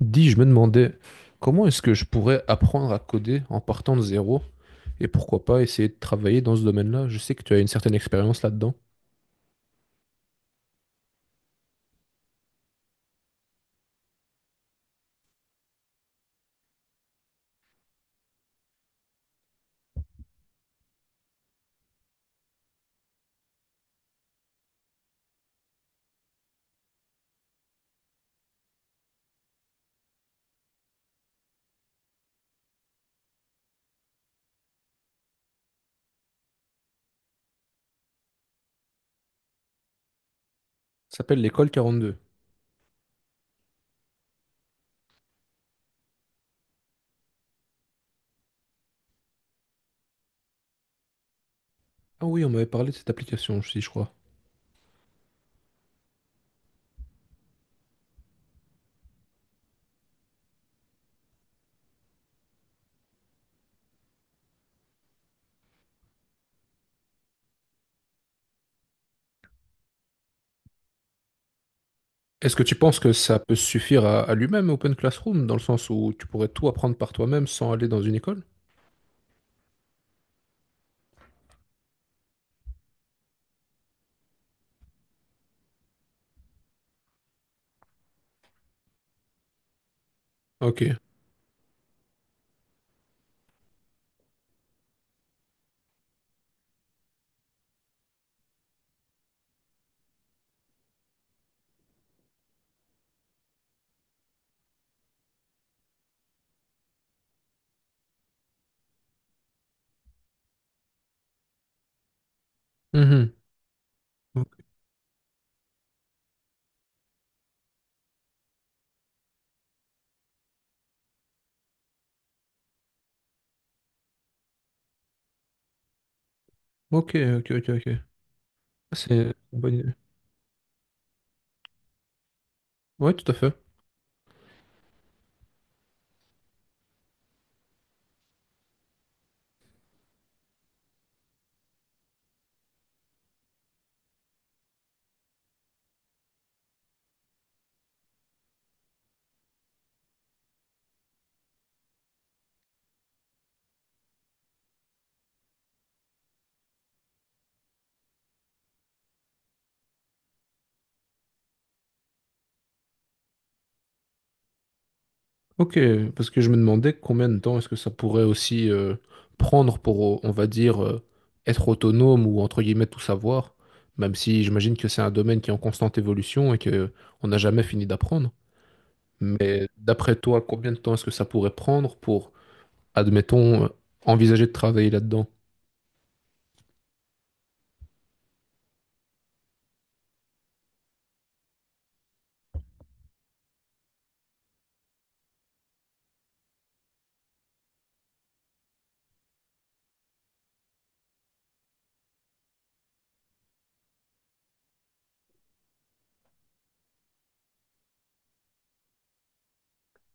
Dis, je me demandais comment est-ce que je pourrais apprendre à coder en partant de zéro et pourquoi pas essayer de travailler dans ce domaine-là. Je sais que tu as une certaine expérience là-dedans. Ça s'appelle l'école quarante-deux. Ah oui, on m'avait parlé de cette application aussi, je crois. Est-ce que tu penses que ça peut suffire à, lui-même, Open Classroom, dans le sens où tu pourrais tout apprendre par toi-même sans aller dans une école? Ok. Mhm. Ok, ok, ok, ok. Ah, c'est une bonne idée. Ouais, tout à fait. Ok, parce que je me demandais combien de temps est-ce que ça pourrait aussi prendre pour, on va dire, être autonome ou entre guillemets tout savoir, même si j'imagine que c'est un domaine qui est en constante évolution et que on n'a jamais fini d'apprendre. Mais d'après toi, combien de temps est-ce que ça pourrait prendre pour, admettons, envisager de travailler là-dedans?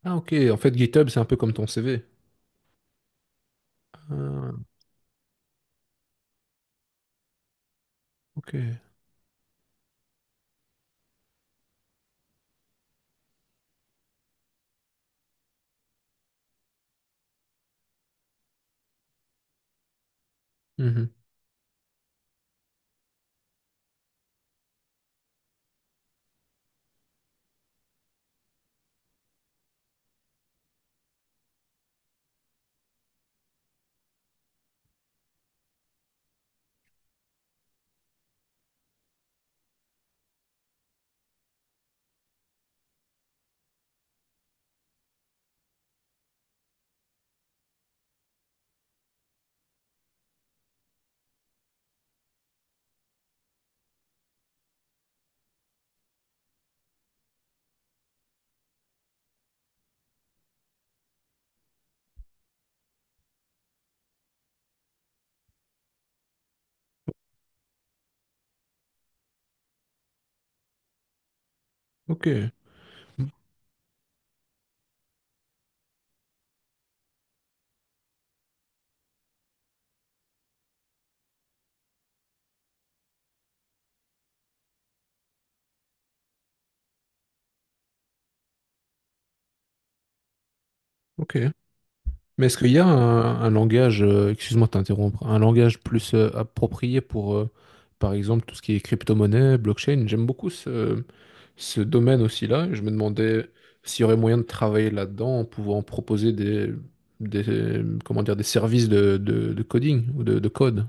Ah ok, en fait GitHub c'est un peu comme ton CV. Ah, ok. Mhm. Ok, ok. Mais est-ce qu'il y a un langage, excuse-moi de t'interrompre, un langage plus approprié pour, par exemple, tout ce qui est crypto-monnaie, blockchain? J'aime beaucoup ce, ce domaine aussi-là. Je me demandais s'il y aurait moyen de travailler là-dedans en pouvant proposer des, comment dire, des services de, de coding ou de code.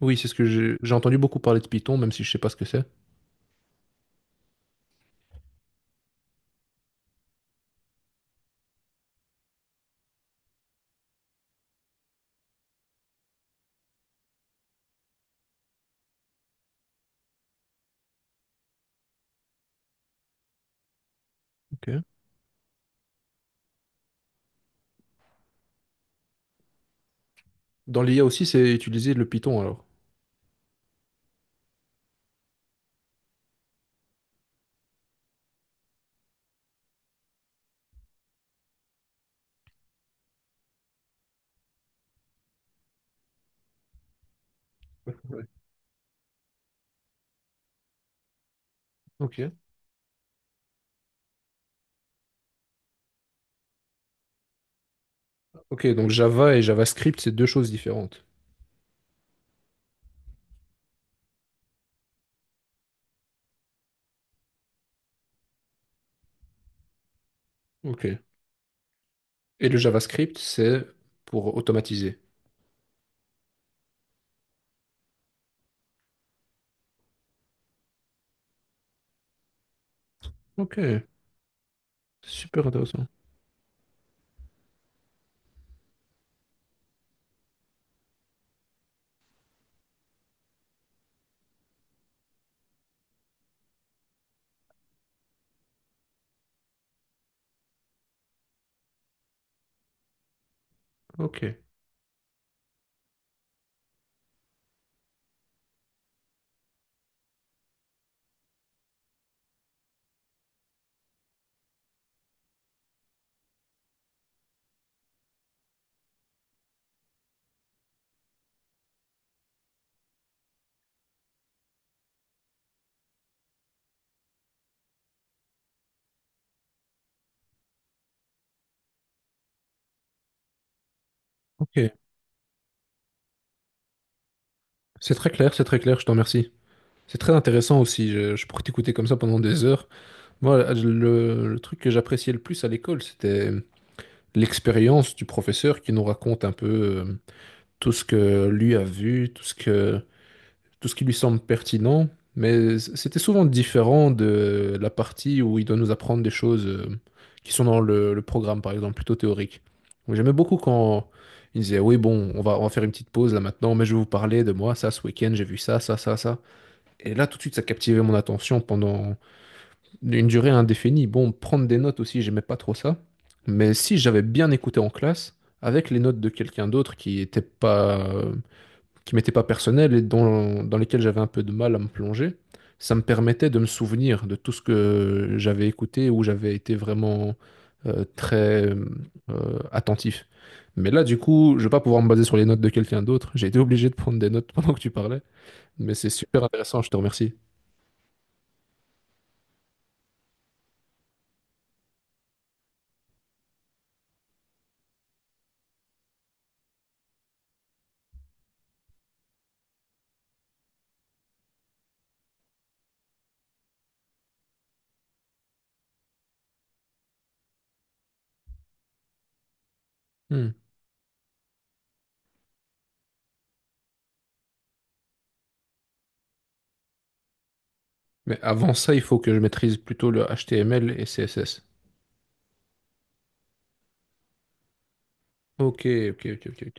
Oui, c'est ce que j'ai entendu beaucoup parler de Python, même si je sais pas ce que c'est. Ok. Dans l'IA aussi, c'est utiliser le Python alors. Ouais. Ok. Ok, donc Java et JavaScript, c'est deux choses différentes. Ok. Et le JavaScript, c'est pour automatiser. Ok, super intéressant. Ok, ok. C'est très clair, je te remercie. C'est très intéressant aussi, je pourrais t'écouter comme ça pendant des heures. Moi, le truc que j'appréciais le plus à l'école, c'était l'expérience du professeur qui nous raconte un peu tout ce que lui a vu, tout ce que, tout ce qui lui semble pertinent, mais c'était souvent différent de la partie où il doit nous apprendre des choses qui sont dans le programme, par exemple, plutôt théorique. Donc, j'aimais beaucoup quand il disait, oui, bon, on va faire une petite pause là maintenant, mais je vais vous parler de moi, ça, ce week-end, j'ai vu ça, ça, ça, ça. Et là, tout de suite, ça captivait mon attention pendant une durée indéfinie. Bon, prendre des notes aussi, j'aimais pas trop ça. Mais si j'avais bien écouté en classe, avec les notes de quelqu'un d'autre qui n'était pas, qui m'étaient pas personnelles et dont dans lesquelles j'avais un peu de mal à me plonger, ça me permettait de me souvenir de tout ce que j'avais écouté, où j'avais été vraiment très attentif. Mais là, du coup, je vais pas pouvoir me baser sur les notes de quelqu'un d'autre. J'ai été obligé de prendre des notes pendant que tu parlais, mais c'est super intéressant, je te remercie. Hmm. Mais avant ça, il faut que je maîtrise plutôt le HTML et CSS. Ok, ok, ok, ok, ok.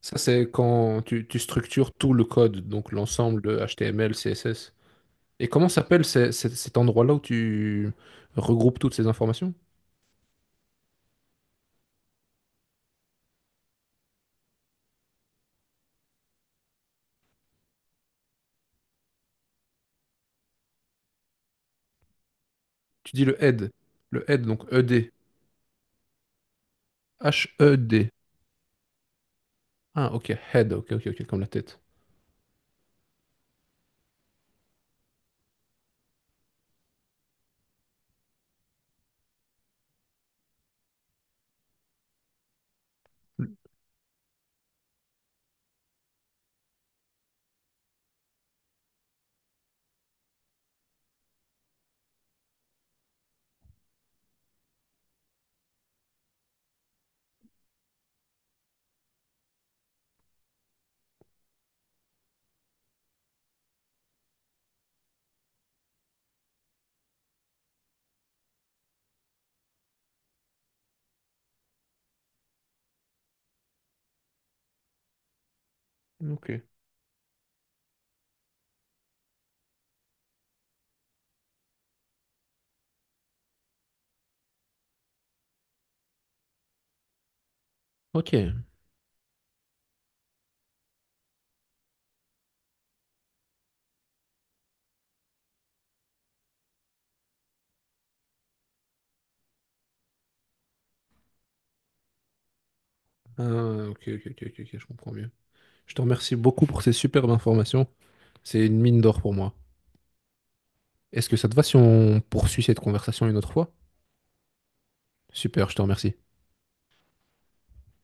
Ça, c'est quand tu structures tout le code, donc l'ensemble de HTML, CSS. Et comment s'appelle cet endroit-là où tu regroupes toutes ces informations? Tu dis le head. Le head, donc E D H-E-D. Ah, ok, head, ok, ok, ok, comme la tête. Mm, ok. Ok. Ah, ok, ok, ok, ok, ok, je comprends mieux. Je te remercie beaucoup pour ces superbes informations. C'est une mine d'or pour moi. Est-ce que ça te va si on poursuit cette conversation une autre fois? Super, je te remercie.